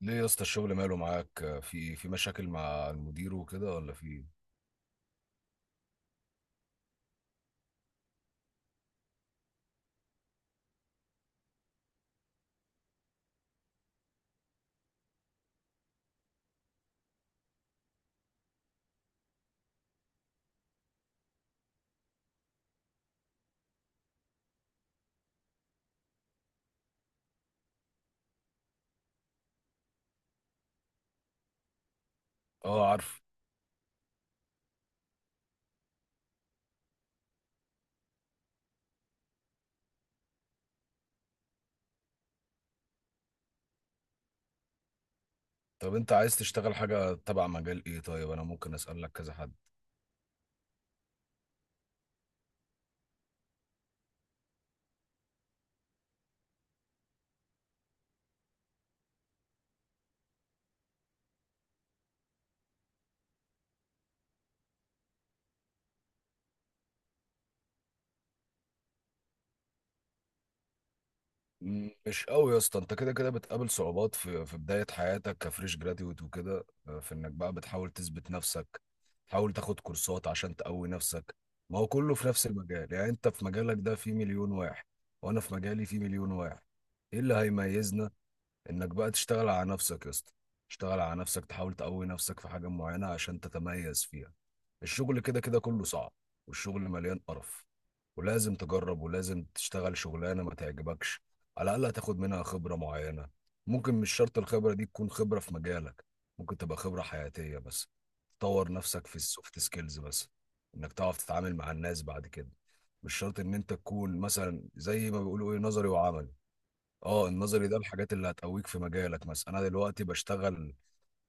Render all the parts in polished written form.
ليه يا اسطى، الشغل ماله معاك؟ في مشاكل مع المدير وكده ولا في إيه؟ اه، عارف. طب انت عايز تشتغل حاجة تبع مجال ايه؟ طيب انا ممكن اسألك كذا حد. مش قوي يا اسطى، انت كده كده بتقابل صعوبات في بداية حياتك كفريش جراديويت وكده، في انك بقى بتحاول تثبت نفسك، تحاول تاخد كورسات عشان تقوي نفسك. ما هو كله في نفس المجال، يعني انت في مجالك ده في مليون واحد، وانا في مجالي في مليون واحد. ايه اللي هيميزنا؟ انك بقى تشتغل على نفسك يا اسطى، تشتغل على نفسك، تحاول تقوي نفسك في حاجة معينة عشان تتميز فيها. الشغل كده كده كله صعب، والشغل مليان قرف، ولازم تجرب ولازم تشتغل شغلانة ما تعجبكش، على الأقل هتاخد منها خبرة معينة. ممكن مش شرط الخبرة دي تكون خبرة في مجالك، ممكن تبقى خبرة حياتية بس، تطور نفسك في السوفت سكيلز بس، انك تعرف تتعامل مع الناس بعد كده. مش شرط ان انت تكون مثلا زي ما بيقولوا ايه، نظري وعملي. اه، النظري ده الحاجات اللي هتقويك في مجالك. مثلا انا دلوقتي بشتغل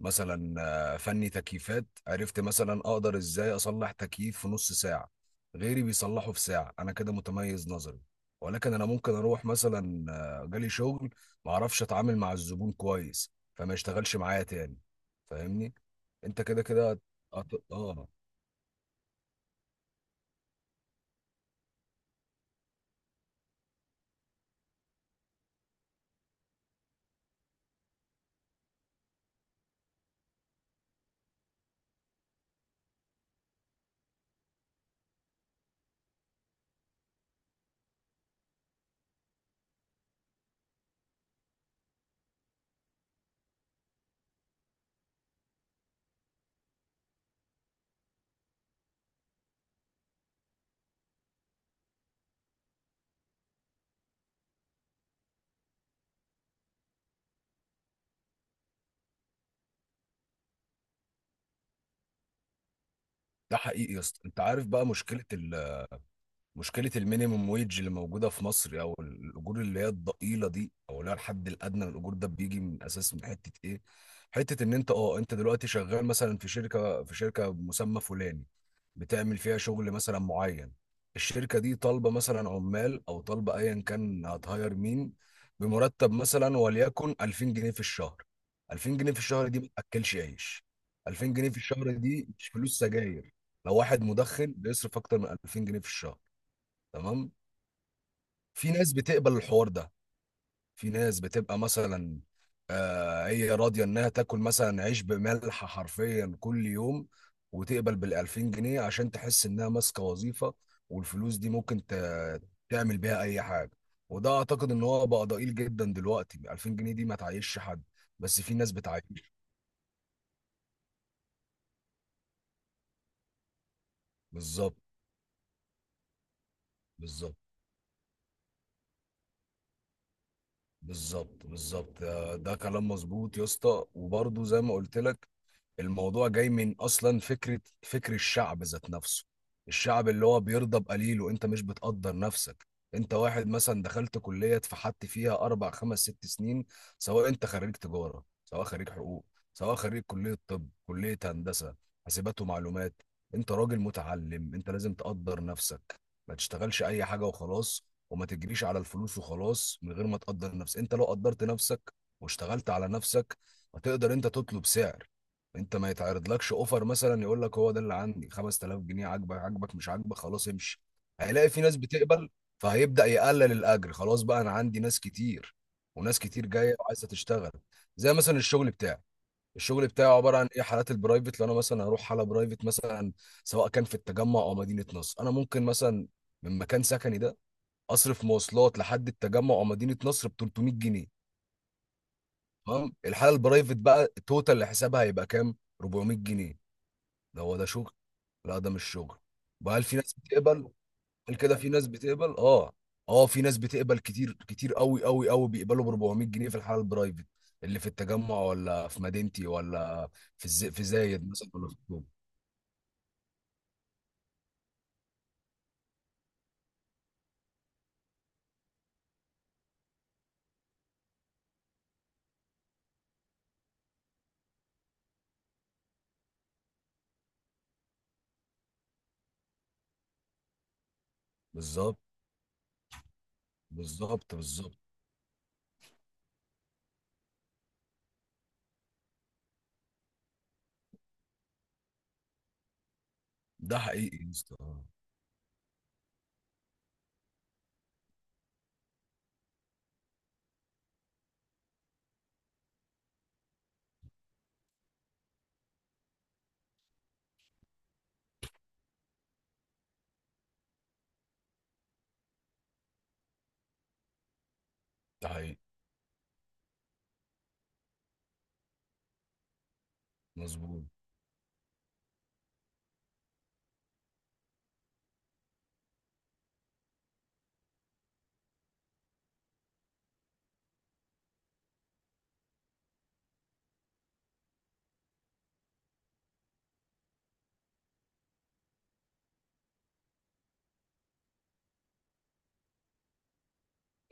مثلا فني تكييفات، عرفت مثلا اقدر ازاي اصلح تكييف في نص ساعة، غيري بيصلحه في ساعة. انا كده متميز نظري، ولكن انا ممكن اروح مثلا، جالي شغل ما اعرفش اتعامل مع الزبون كويس فما يشتغلش معايا تاني. فاهمني؟ انت كده كده اه. ده حقيقي يا اسطى. انت عارف بقى مشكلة مشكلة المينيموم ويج اللي موجودة في مصر، أو الأجور اللي هي الضئيلة دي، أو اللي هي الحد الأدنى للأجور، ده بيجي من أساس، من حتة إيه؟ حتة إن أنت دلوقتي شغال مثلا في شركة، بمسمى فلاني، بتعمل فيها شغل مثلا معين. الشركة دي طالبة مثلا عمال، أو طالبة أيا كان، هتهاير مين بمرتب مثلا وليكن 2000 جنيه في الشهر. 2000 جنيه في الشهر دي ما تأكلش عيش. 2000 جنيه في الشهر دي مش فلوس سجاير، لو واحد مدخن بيصرف أكتر من 2000 جنيه في الشهر. تمام. في ناس بتقبل الحوار ده، في ناس بتبقى مثلا آه، هي راضيه انها تاكل مثلا عيش بملح حرفيا كل يوم، وتقبل بالألفين جنيه عشان تحس انها ماسكه وظيفه، والفلوس دي ممكن تعمل بيها اي حاجه. وده اعتقد ان هو بقى ضئيل جدا دلوقتي، 2000 جنيه دي ما تعيشش حد، بس في ناس بتعيش. بالظبط، بالظبط، بالظبط، بالظبط، ده كلام مظبوط يا اسطى. وبرضه زي ما قلت لك، الموضوع جاي من اصلا فكره، فكر الشعب ذات نفسه. الشعب اللي هو بيرضى بقليل، وانت مش بتقدر نفسك. انت واحد مثلا دخلت كليه اتفحت فيها اربع خمس ست سنين، سواء انت خريج تجاره، سواء خريج حقوق، سواء خريج كليه طب، كليه هندسه، حاسبات ومعلومات. انت راجل متعلم، انت لازم تقدر نفسك. ما تشتغلش اي حاجه وخلاص، وما تجريش على الفلوس وخلاص من غير ما تقدر نفسك. انت لو قدرت نفسك واشتغلت على نفسك، هتقدر انت تطلب سعر. انت ما يتعرضلكش اوفر مثلا يقول لك هو ده اللي عندي 5000 جنيه، عاجبك عاجبك، مش عاجبك خلاص امشي، هيلاقي في ناس بتقبل، فهيبدأ يقلل الاجر. خلاص بقى، انا عندي ناس كتير، وناس كتير جايه وعايزه تشتغل. زي مثلا الشغل بتاعي، الشغل بتاعي عباره عن ايه؟ حالات البرايفت. لو انا مثلا هروح حاله برايفت مثلا، سواء كان في التجمع او مدينه نصر، انا ممكن مثلا من مكان سكني ده اصرف مواصلات لحد التجمع او مدينه نصر ب 300 جنيه. تمام. الحاله البرايفت بقى، التوتال اللي حسابها هيبقى كام؟ 400 جنيه. ده هو ده شغل؟ لا، ده مش شغل. بقى هل في ناس بتقبل؟ هل كده في ناس بتقبل؟ اه، اه، في ناس بتقبل، كتير كتير قوي قوي قوي بيقبلوا ب 400 جنيه في الحاله البرايفت اللي في التجمع، ولا في مدينتي، ولا في في زايد مثلا، ولا في اكتوبر. بالظبط، بالظبط، بالظبط. ده حقيقي يا اسطى، ده حقيقي. مظبوط،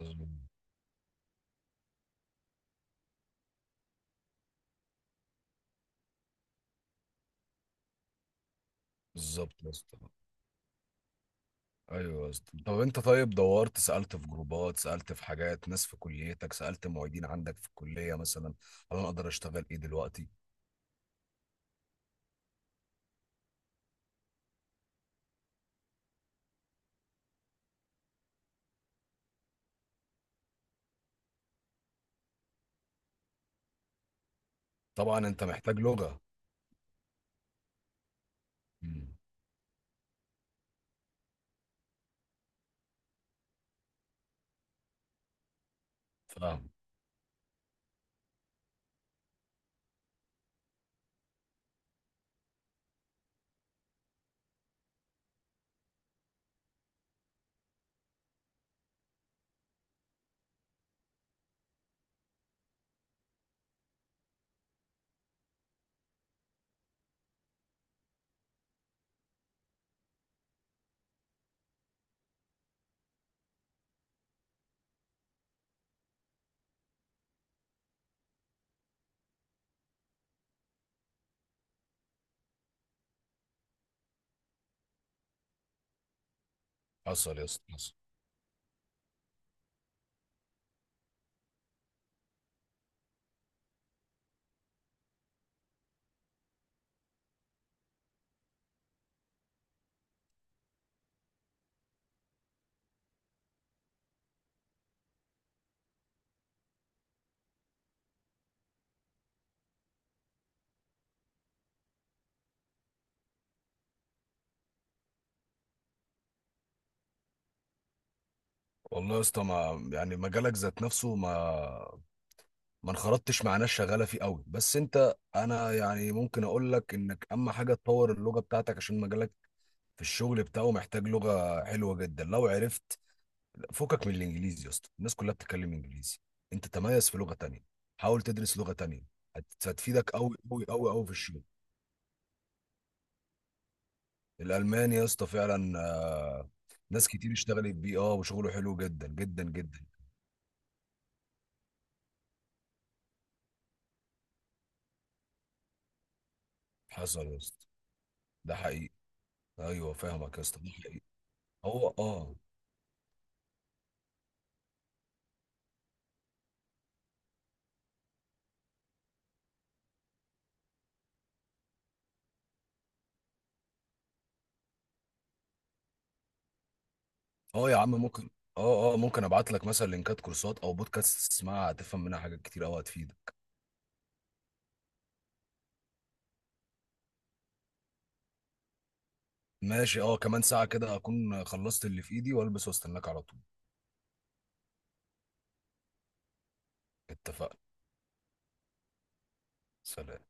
مظبوط، بالظبط يا اسطى. ايوه يا اسطى. طب انت، طيب دورت، سالت في جروبات، سالت في حاجات ناس في كليتك، سالت معيدين عندك في الكليه مثلا، هل انا اقدر اشتغل ايه دلوقتي؟ طبعا انت محتاج لغه. مم. فاهم. حصل يا اسطى، حصل. والله يا اسطى، ما يعني مجالك ذات نفسه، ما انخرطتش مع ناس شغاله فيه قوي، بس انت انا يعني ممكن اقول لك انك اهم حاجه تطور اللغه بتاعتك، عشان مجالك في الشغل بتاعه محتاج لغه حلوه جدا. لو عرفت فكك من الانجليزي يا اسطى، الناس كلها بتتكلم انجليزي، انت تميز في لغه تانية، حاول تدرس لغه تانية، هتفيدك قوي قوي قوي قوي في الشغل. الالماني يا اسطى فعلا، ناس كتير اشتغلت بيه، اه وشغله حلو جدا جدا جدا. حصل يا اسطى، ده حقيقي. ايوه فاهمك يا اسطى، ده حقيقي. هو، اه. اه يا عم، ممكن. اه، اه، ممكن ابعت لك مثلا لينكات كورسات او بودكاست تسمعها، هتفهم منها حاجات كتير قوي هتفيدك. ماشي، اه، كمان ساعة كده هكون خلصت اللي في ايدي والبس واستناك على طول. اتفقنا. سلام.